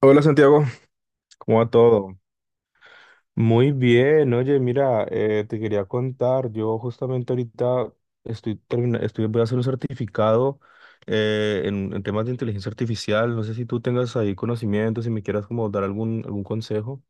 Hola Santiago, ¿cómo va todo? Muy bien, oye, mira, te quería contar, yo justamente ahorita voy a hacer un certificado en, temas de inteligencia artificial, no sé si tú tengas ahí conocimientos, si me quieras como dar algún consejo.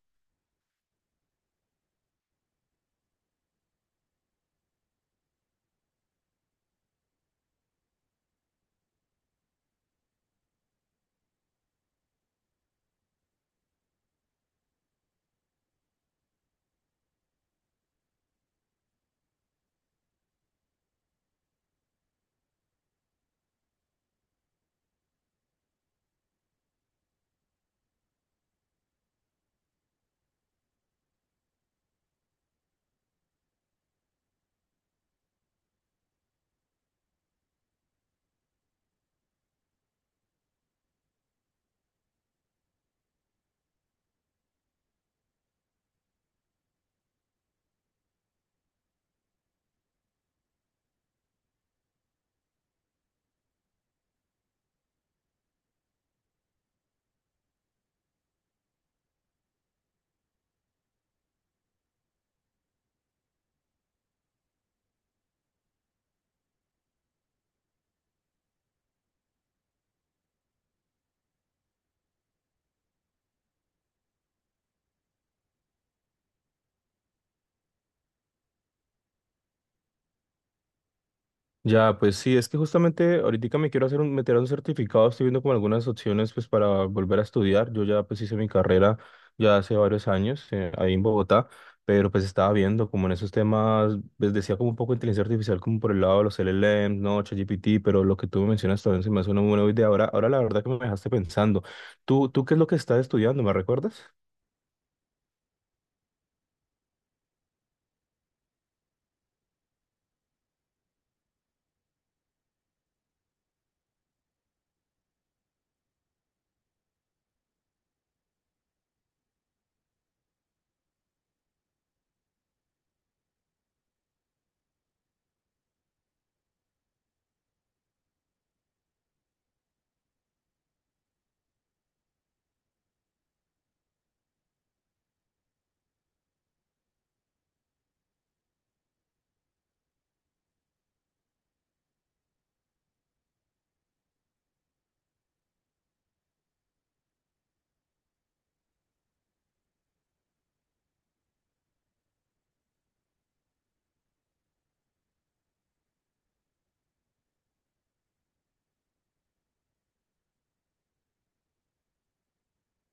Ya, pues sí, es que justamente ahorita me quiero hacer meter a un certificado, estoy viendo como algunas opciones pues para volver a estudiar. Yo ya pues hice mi carrera ya hace varios años ahí en Bogotá, pero pues estaba viendo como en esos temas, pues decía como un poco de inteligencia artificial como por el lado de los LLMs, no, ChatGPT, pero lo que tú me mencionas también se me hace una buena idea. Ahora la verdad que me dejaste pensando. ¿Tú qué es lo que estás estudiando? ¿Me recuerdas?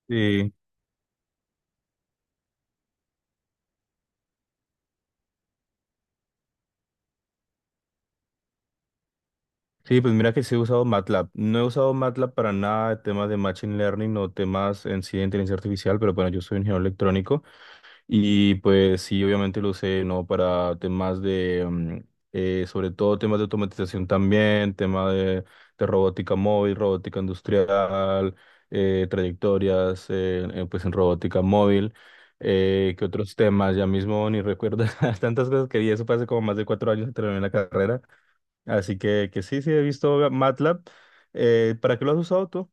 Sí. Sí, pues mira que sí he usado MATLAB. No he usado MATLAB para nada de temas de Machine Learning o temas en sí de inteligencia artificial, pero bueno, yo soy ingeniero electrónico. Y pues sí, obviamente lo usé, ¿no? Para temas de, sobre todo temas de automatización también, tema de robótica móvil, robótica industrial, trayectorias, pues en robótica móvil. ¿Qué otros temas? Ya mismo ni recuerdo tantas cosas que di, eso fue hace como más de 4 años que terminé la carrera. Así que sí, sí, he visto MATLAB. ¿Para qué lo has usado tú?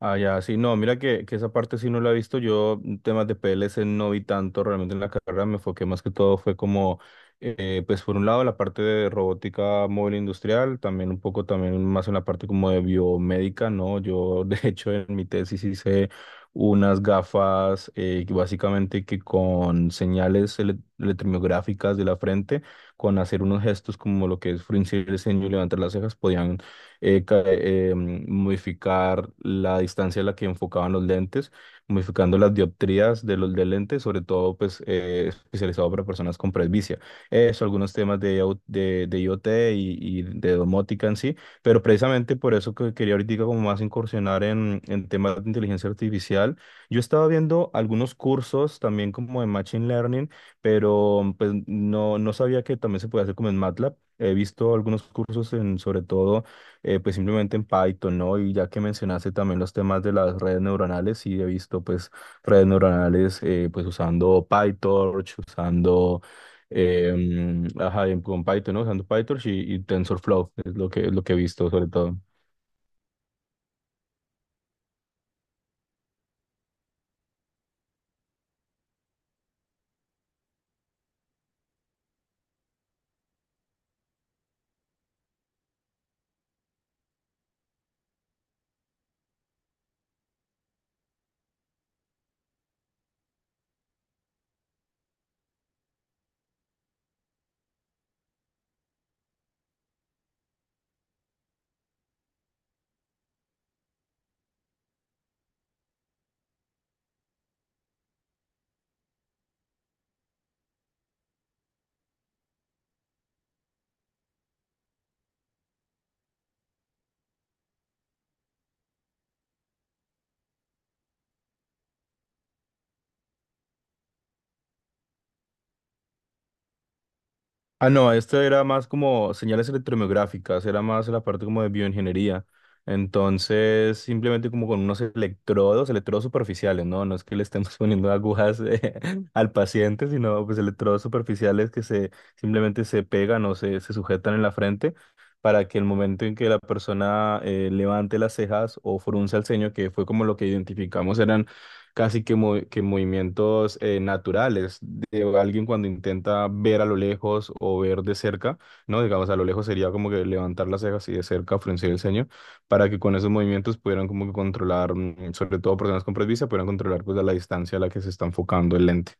Ah, ya, sí, no, mira que esa parte sí no la he visto. Yo temas de PLC no vi tanto realmente en la carrera, me enfoqué más que todo fue como, pues por un lado la parte de robótica móvil industrial, también un poco también más en la parte como de biomédica, ¿no? Yo de hecho en mi tesis hice unas gafas que básicamente que con señales electromiográficas de la frente, con hacer unos gestos como lo que es fruncir el ceño y levantar las cejas, podían modificar la distancia a la que enfocaban los lentes, modificando las dioptrías de los de lentes, sobre todo pues especializado para personas con presbicia. Eso, algunos temas de IoT y de domótica en sí, pero precisamente por eso que quería ahorita como más incursionar en temas de inteligencia artificial. Yo estaba viendo algunos cursos también como de Machine Learning, pero pues no sabía que también se puede hacer como en MATLAB. He visto algunos cursos sobre todo pues simplemente en Python, ¿no? Y ya que mencionaste también los temas de las redes neuronales, sí he visto pues redes neuronales pues usando PyTorch, usando, ajá, con Python, ¿no? Usando PyTorch y TensorFlow, es lo que he visto sobre todo. Ah, no, esto era más como señales electromiográficas, era más la parte como de bioingeniería. Entonces, simplemente como con unos electrodos, electrodos superficiales, ¿no? No es que le estemos poniendo agujas al paciente, sino pues electrodos superficiales que se simplemente se pegan o se sujetan en la frente para que el momento en que la persona levante las cejas o frunza el ceño, que fue como lo que identificamos, eran casi que movimientos naturales de alguien cuando intenta ver a lo lejos o ver de cerca, ¿no? Digamos, a lo lejos sería como que levantar las cejas y de cerca fruncir el ceño, para que con esos movimientos pudieran como que controlar, sobre todo personas con presbicia, pudieran controlar pues a la distancia a la que se está enfocando el lente.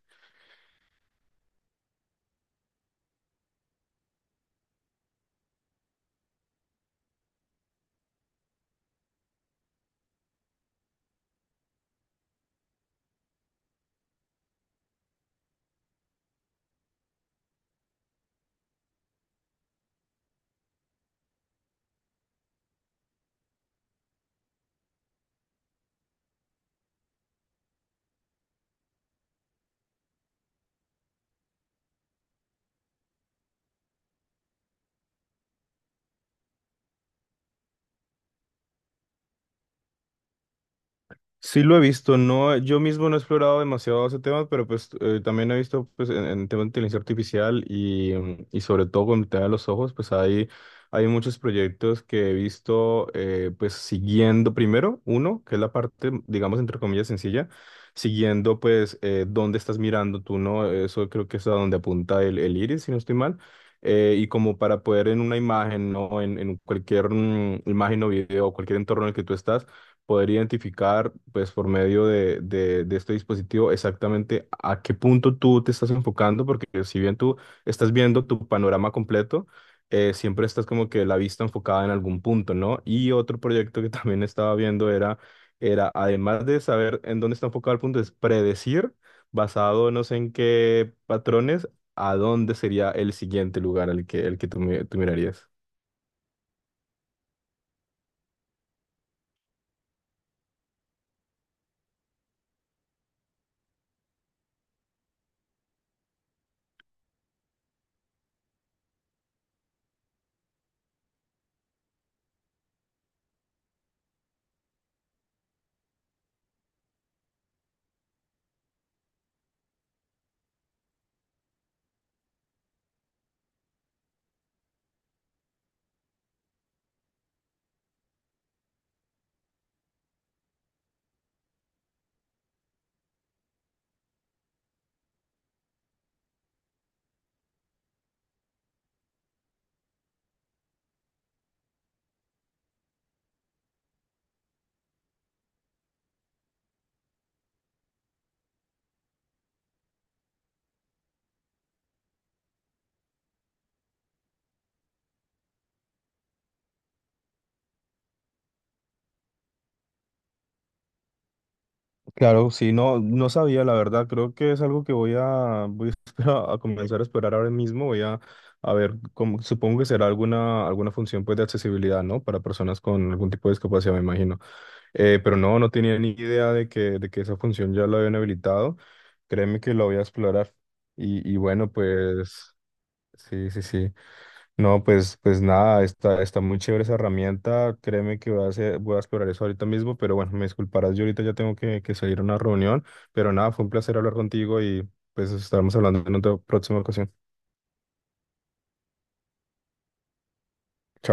Sí lo he visto, no, yo mismo no he explorado demasiado ese tema, pero pues también he visto pues en tema de inteligencia artificial y sobre todo con el tema de los ojos, pues hay muchos proyectos que he visto pues siguiendo primero, uno, que es la parte, digamos, entre comillas, sencilla, siguiendo pues dónde estás mirando tú, ¿no? Eso creo que es a donde apunta el iris, si no estoy mal. Y como para poder en una imagen, ¿no? En cualquier imagen o video o cualquier entorno en el que tú estás poder identificar, pues por medio de este dispositivo, exactamente a qué punto tú te estás enfocando, porque si bien tú estás viendo tu panorama completo, siempre estás como que la vista enfocada en algún punto, ¿no? Y otro proyecto que también estaba viendo era además de saber en dónde está enfocado el punto, es predecir, basado no sé en qué patrones, a dónde sería el siguiente lugar el que tú mirarías. Claro, sí, no, sabía, la verdad. Creo que es algo que voy a comenzar a explorar ahora mismo. Voy a ver, supongo que será alguna, función pues, de accesibilidad, ¿no? Para personas con algún tipo de discapacidad, me imagino. Pero no tenía ni idea de que esa función ya la habían habilitado. Créeme que lo voy a explorar. Y bueno, pues sí, sí, sí. No, pues nada, está muy chévere esa herramienta. Créeme que voy a explorar eso ahorita mismo, pero bueno, me disculparás, yo ahorita ya tengo que salir a una reunión, pero nada, fue un placer hablar contigo y pues estaremos hablando en otra próxima ocasión.